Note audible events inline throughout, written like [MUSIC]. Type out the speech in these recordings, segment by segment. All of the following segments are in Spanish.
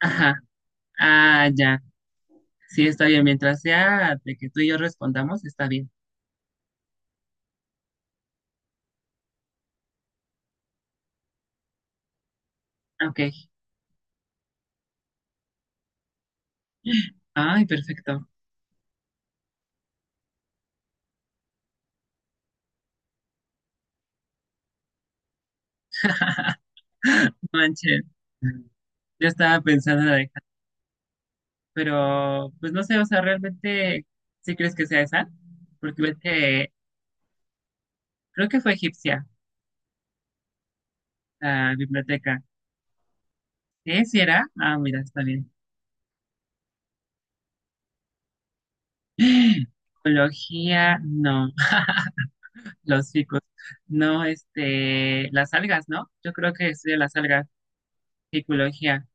Ajá, ah, ya, sí, está bien. Mientras sea de que tú y yo respondamos, está bien. Ok. Ay, perfecto. [LAUGHS] Manche. Yo estaba pensando en la de Hannah, pero pues no sé, o sea, realmente sí crees que sea esa, porque ves que creo que fue egipcia la biblioteca. ¿Eh? ¿Sí era? Ah, mira, está bien. [GASPS] Ecología, no, [LAUGHS] los ficus, no, este, las algas, ¿no? Yo creo que estudia las algas, ecología.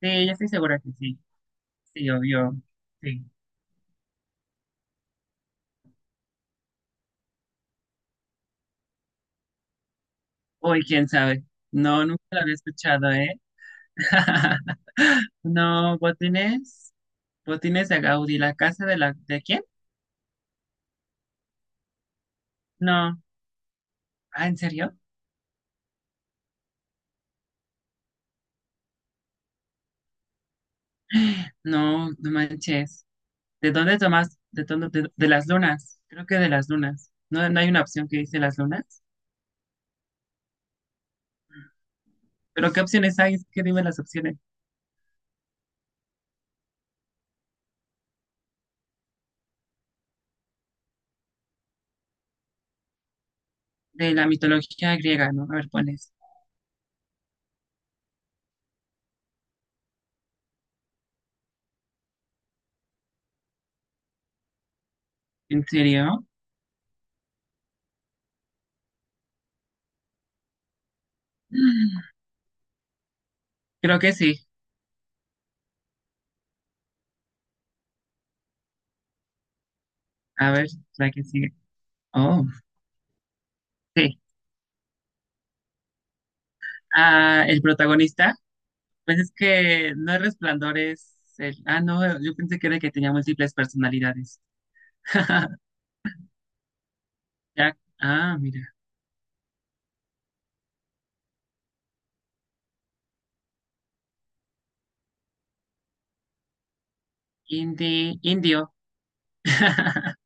Sí, yo estoy segura que sí. Sí, obvio. Sí. Uy, quién sabe. No, nunca lo había escuchado, ¿eh? [LAUGHS] No, Botines. Botines de Gaudí. ¿La casa de la de quién? No. Ah, ¿en serio? No, no manches. ¿De dónde tomas? ¿De dónde? De las lunas. Creo que de las lunas. ¿No, no hay una opción que dice las lunas? ¿Pero qué opciones hay? Es que dime las opciones. De la mitología griega, ¿no? A ver, pones. ¿En serio? [GASPS] Creo que sí. A ver, la que sigue. Oh. Sí. Ah, el protagonista, pues es que no es Resplandor, es el... Ah, no, yo pensé que era el que tenía múltiples personalidades. [LAUGHS] Jack, ah, mira. Indi, indio. [LAUGHS]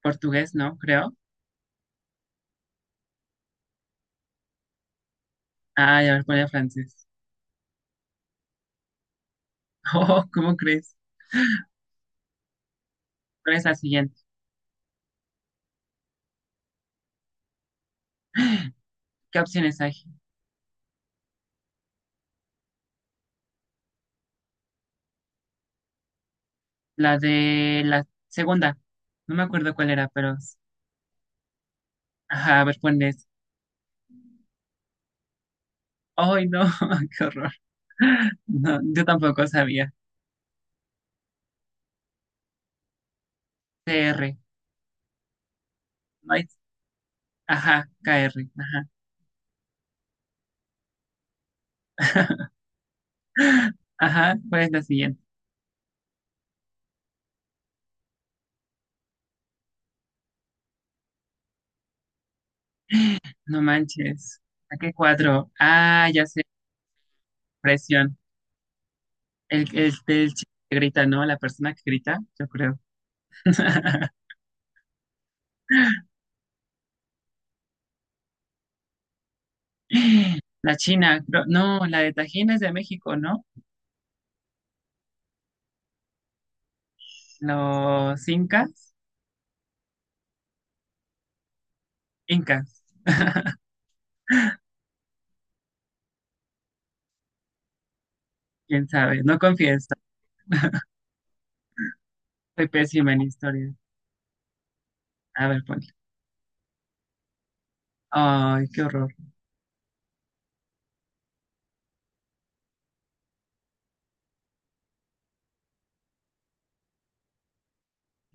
Portugués, ¿no? Creo. Ah, ya me ponía francés. [LAUGHS] Oh, ¿cómo crees? ¿Cuál es la siguiente? ¿Qué opciones hay? La de la segunda. No me acuerdo cuál era, pero... Ajá, a ver, ponles. Ay, no, [LAUGHS] qué horror. No, yo tampoco sabía. Cr No hay- Ajá, Kr Ajá. [LAUGHS] Ajá, ¿cuál es la siguiente? No manches. ¿A qué cuadro? Ah, ya sé, presión. El chico que grita, ¿no? La persona que grita, yo creo. [LAUGHS] La China, creo- no, la de Tajín es de México, ¿no? Los incas, incas, quién sabe, no confieso, soy pésima en historia. A ver, ponle. Ay, qué horror.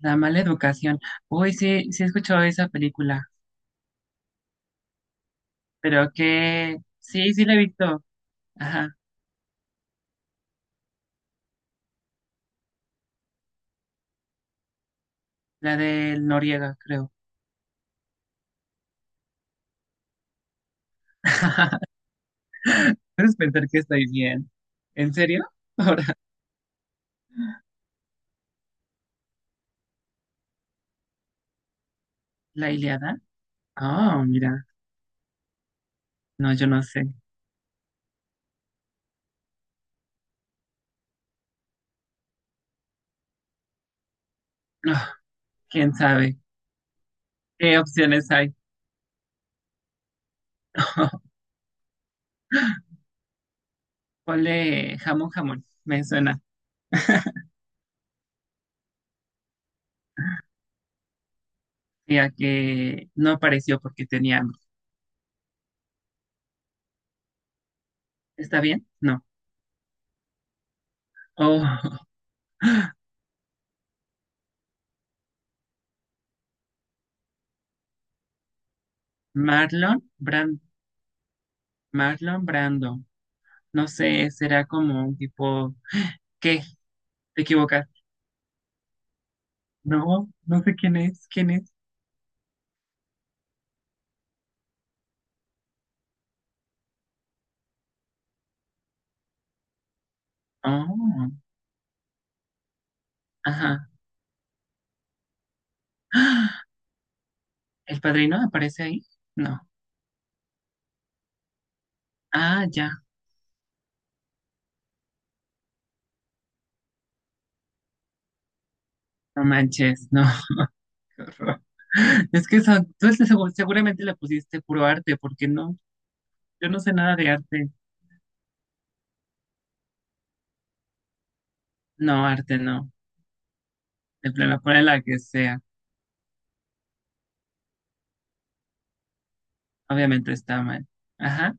La mala educación. Uy, sí, sí he escuchado esa película, pero que sí, sí la he visto. Ajá, la del Noriega, creo. [LAUGHS] Puedes pensar que estoy bien. ¿En serio? [LAUGHS] Ahora, la Ilíada. Oh, mira. No, yo no sé. Ah, quién sabe. ¿Qué opciones hay? [LAUGHS] Ponle jamón, jamón. Me suena. Ya que no apareció porque tenía hambre. ¿Está bien? No. Oh, [LAUGHS] Marlon Brand, Marlon Brando. No sé, será como un tipo. ¿Qué? ¿Te equivocas? No, no sé quién es. ¿Quién es? Oh, ajá. [GASPS] ¿El padrino aparece ahí? No. Ah, ya. No manches, no. [LAUGHS] Es que son, tú es- segu- seguramente le pusiste puro arte, porque no, yo no sé nada de arte. No, arte no. De plano, ponle la que sea. Obviamente está mal. Ajá.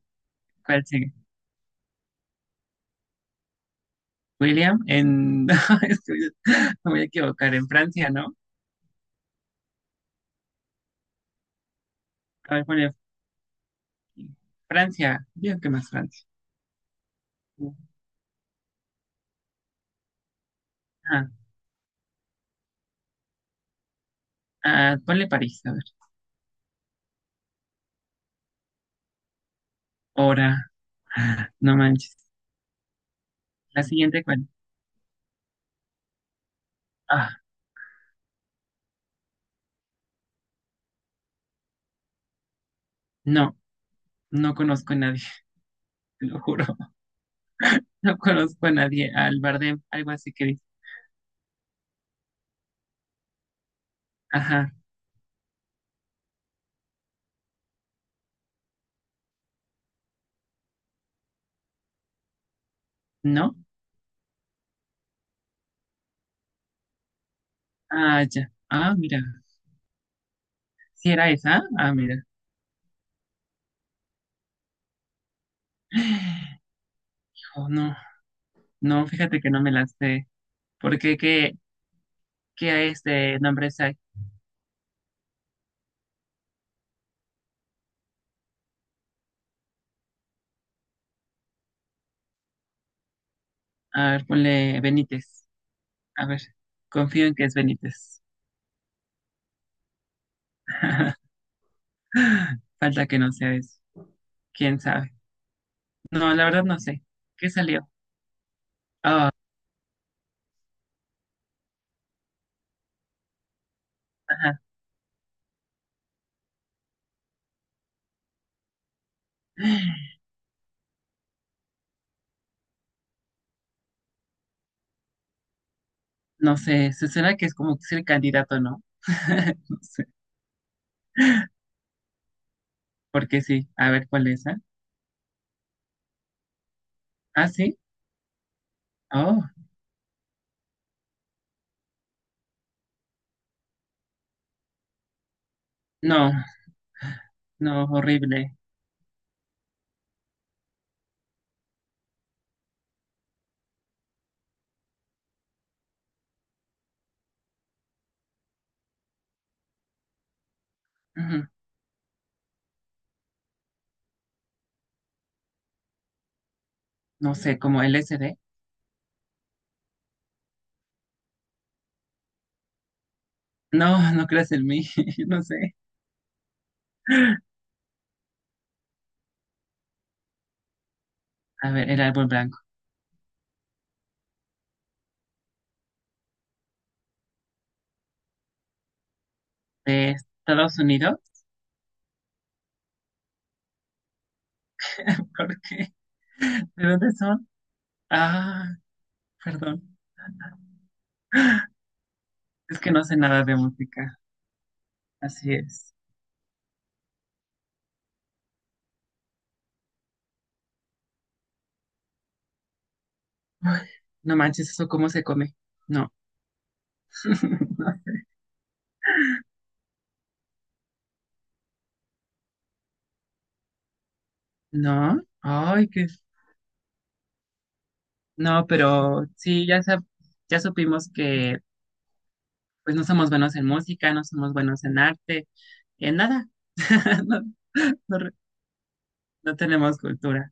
¿Cuál sigue? William en. [LAUGHS] es que Me voy a equivocar. En Francia, ¿no? A ver, ponle Francia. Digo que más Francia. Ajá. Ah, ponle París, a ver. Ahora. Ah, no manches. La siguiente, ¿cuál? Ah, no. No conozco a nadie, [LAUGHS] te lo juro. [LAUGHS] No conozco a nadie. Al Bardem, algo así que dice. Ajá, ¿no? Ah, ya. Ah, mira. ¿Si era esa? Ah, mira. [GASPS] Oh, no, no, fíjate que no me la sé. ¿Por qué? ¿Qué este nombre hay? A ver, ponle Benítez. A ver, confío en que es Benítez. [LAUGHS] Falta que no sea eso. ¿Quién sabe? No, la verdad no sé. ¿Qué salió? Ah, ajá. No sé, se suena que es como que es el candidato, ¿no? [LAUGHS] No sé. Porque sí, a ver cuál es, ¿ah? ¿Ah, sí? Oh, no, no, horrible. Ujú, no sé, como LSD. No, no creas en mí, [LAUGHS] no sé. A ver, el árbol blanco. ¿De Estados Unidos? [LAUGHS] ¿Por qué? ¿De dónde son? Ah, perdón. Es que no sé nada de música. Así es. Ay, no manches, ¿eso cómo se come? No. [LAUGHS] ¿No? Ay, qué... No, pero sí, ya, sab- ya supimos que pues no somos buenos en música, no somos buenos en arte, en nada. [LAUGHS] No, no no tenemos cultura.